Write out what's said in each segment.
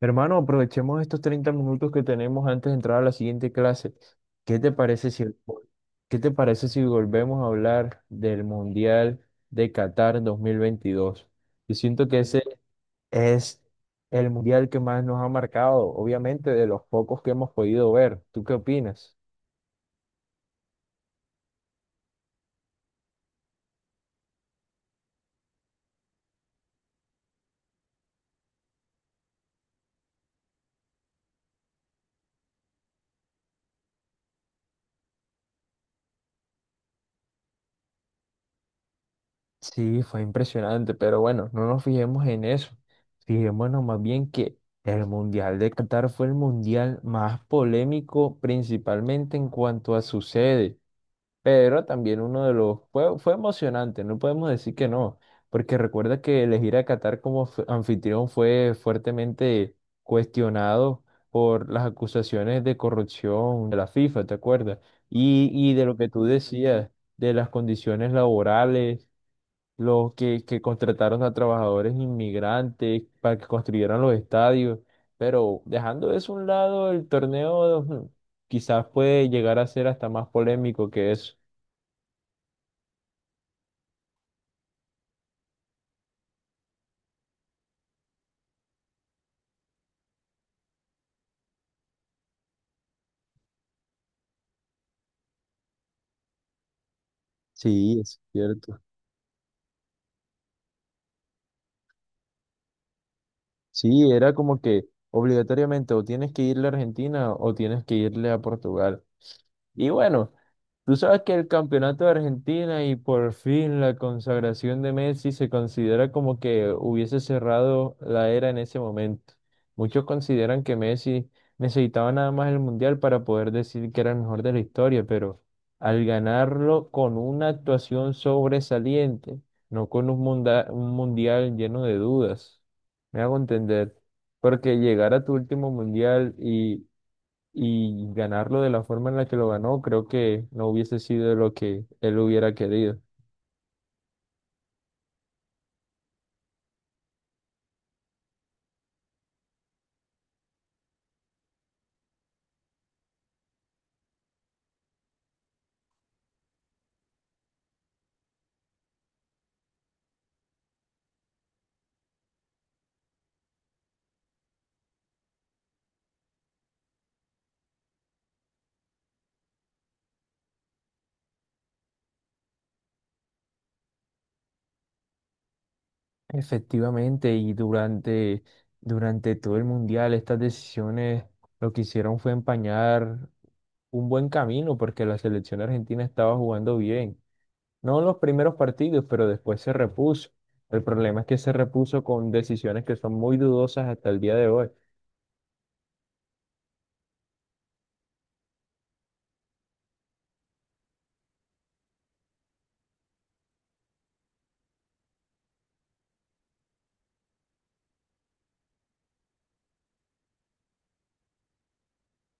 Hermano, aprovechemos estos 30 minutos que tenemos antes de entrar a la siguiente clase. ¿Qué te parece si, qué te parece si volvemos a hablar del Mundial de Qatar 2022? Yo siento que ese es el Mundial que más nos ha marcado, obviamente de los pocos que hemos podido ver. ¿Tú qué opinas? Sí, fue impresionante, pero bueno, no nos fijemos en eso. Fijémonos más bien que el Mundial de Qatar fue el mundial más polémico, principalmente en cuanto a su sede, pero también uno de los... Fue, fue emocionante, no podemos decir que no, porque recuerda que elegir a Qatar como anfitrión fue fuertemente cuestionado por las acusaciones de corrupción de la FIFA, ¿te acuerdas? Y de lo que tú decías, de las condiciones laborales los que contrataron a trabajadores inmigrantes para que construyeran los estadios, pero dejando eso a un lado, el torneo quizás puede llegar a ser hasta más polémico que eso. Sí, es cierto. Sí, era como que obligatoriamente o tienes que irle a Argentina o tienes que irle a Portugal. Y bueno, tú sabes que el campeonato de Argentina y por fin la consagración de Messi se considera como que hubiese cerrado la era en ese momento. Muchos consideran que Messi necesitaba nada más el Mundial para poder decir que era el mejor de la historia, pero al ganarlo con una actuación sobresaliente, no con un Mundial lleno de dudas, me hago entender. Porque llegar a tu último mundial y ganarlo de la forma en la que lo ganó, creo que no hubiese sido lo que él hubiera querido. Efectivamente, y durante todo el mundial, estas decisiones lo que hicieron fue empañar un buen camino porque la selección argentina estaba jugando bien. No en los primeros partidos, pero después se repuso. El problema es que se repuso con decisiones que son muy dudosas hasta el día de hoy.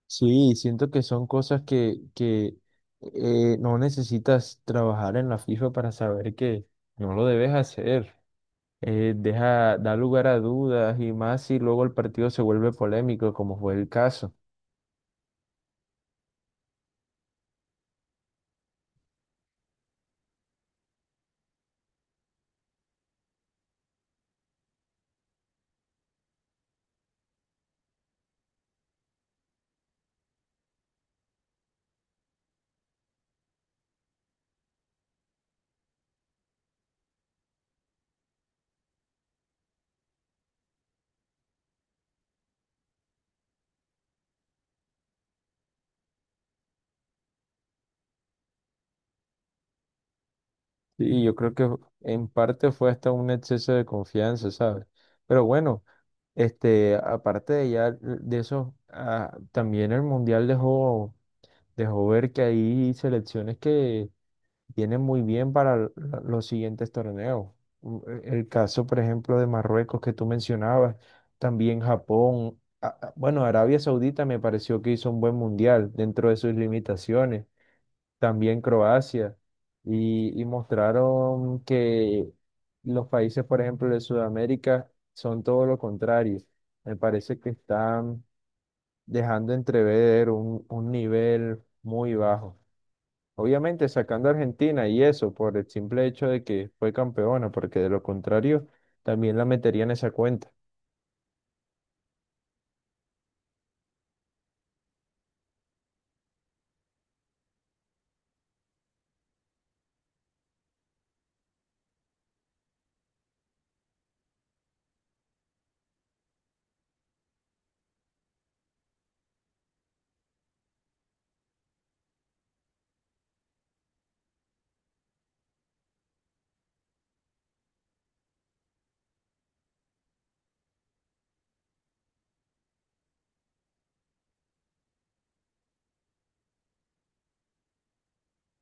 Sí, siento que son cosas que no necesitas trabajar en la FIFA para saber que no lo debes hacer. Da lugar a dudas y más si luego el partido se vuelve polémico, como fue el caso. Y yo creo que en parte fue hasta un exceso de confianza, ¿sabes? Pero bueno, este, aparte de ya de eso, también el Mundial dejó ver que hay selecciones que viene muy bien para los siguientes torneos. El caso, por ejemplo, de Marruecos que tú mencionabas, también Japón, bueno, Arabia Saudita me pareció que hizo un buen mundial dentro de sus limitaciones, también Croacia, y mostraron que los países, por ejemplo, de Sudamérica son todo lo contrario. Me parece que están dejando entrever un nivel muy bajo. Obviamente sacando a Argentina y eso por el simple hecho de que fue campeona, porque de lo contrario también la metería en esa cuenta.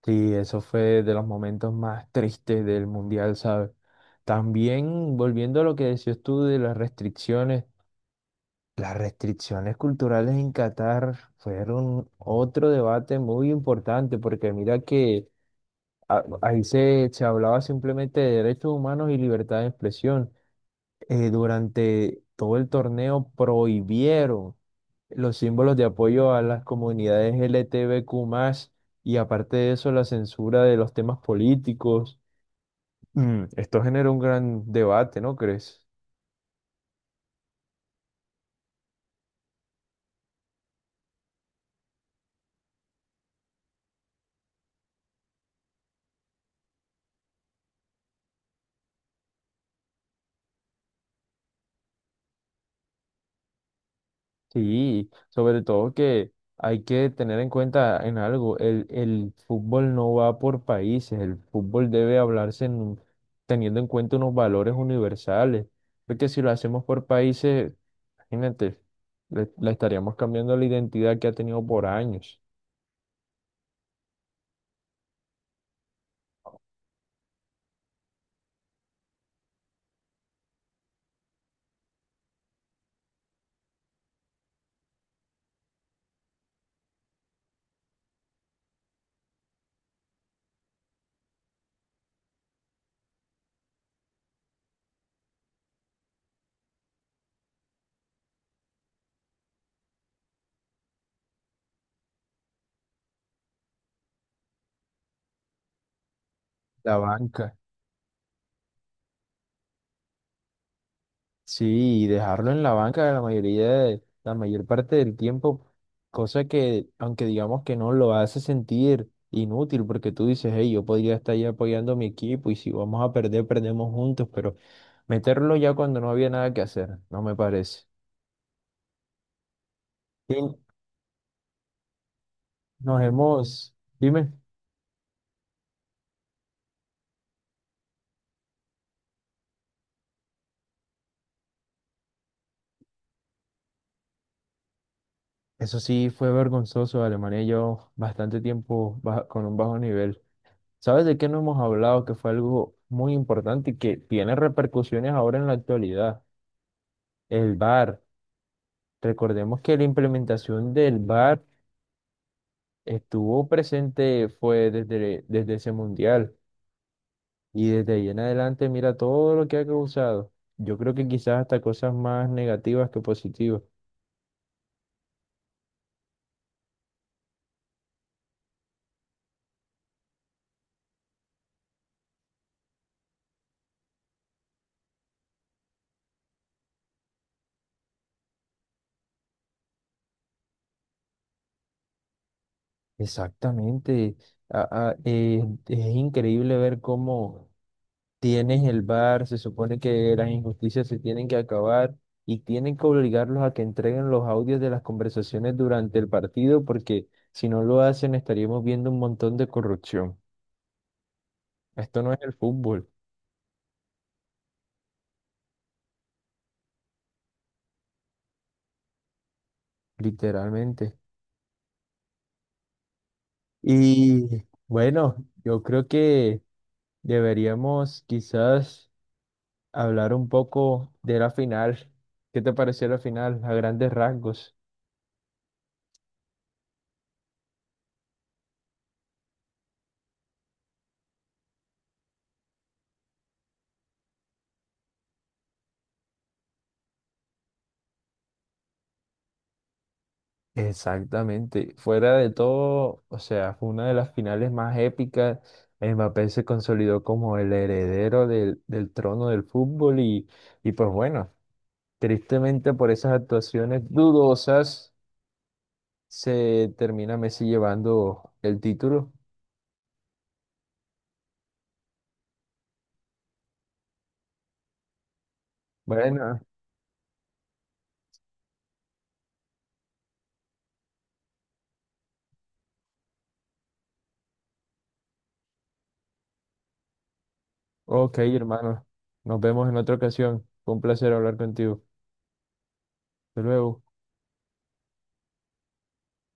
Sí, eso fue de los momentos más tristes del Mundial, ¿sabes? También volviendo a lo que decías tú de las restricciones culturales en Qatar fueron otro debate muy importante, porque mira que ahí se hablaba simplemente de derechos humanos y libertad de expresión. Durante todo el torneo prohibieron los símbolos de apoyo a las comunidades LGTBQ+, y aparte de eso, la censura de los temas políticos. Esto genera un gran debate, ¿no crees? Sí, sobre todo que hay que tener en cuenta en algo, el fútbol no va por países, el fútbol debe hablarse teniendo en cuenta unos valores universales, porque si lo hacemos por países, imagínate, le estaríamos cambiando la identidad que ha tenido por años. La banca. Sí, y dejarlo en la banca la mayor parte del tiempo, cosa que, aunque digamos que no lo hace sentir inútil, porque tú dices, hey, yo podría estar ahí apoyando a mi equipo y si vamos a perder, perdemos juntos, pero meterlo ya cuando no había nada que hacer, no me parece. Sí, nos hemos, dime, eso sí fue vergonzoso, Alemania llevó bastante tiempo con un bajo nivel. ¿Sabes de qué no hemos hablado? Que fue algo muy importante y que tiene repercusiones ahora en la actualidad. El VAR. Recordemos que la implementación del VAR estuvo presente, fue desde ese mundial y desde ahí en adelante mira todo lo que ha causado. Yo creo que quizás hasta cosas más negativas que positivas. Exactamente. A es increíble ver cómo tienes el bar, se supone que las injusticias se tienen que acabar y tienen que obligarlos a que entreguen los audios de las conversaciones durante el partido porque si no lo hacen estaríamos viendo un montón de corrupción. Esto no es el fútbol, literalmente. Y bueno, yo creo que deberíamos quizás hablar un poco de la final. ¿Qué te pareció la final a grandes rasgos? Exactamente. Fuera de todo, o sea, fue una de las finales más épicas. Mbappé se consolidó como el heredero del trono del fútbol y pues bueno, tristemente por esas actuaciones dudosas se termina Messi llevando el título. Bueno, ok, hermano. Nos vemos en otra ocasión. Fue un placer hablar contigo. Hasta luego.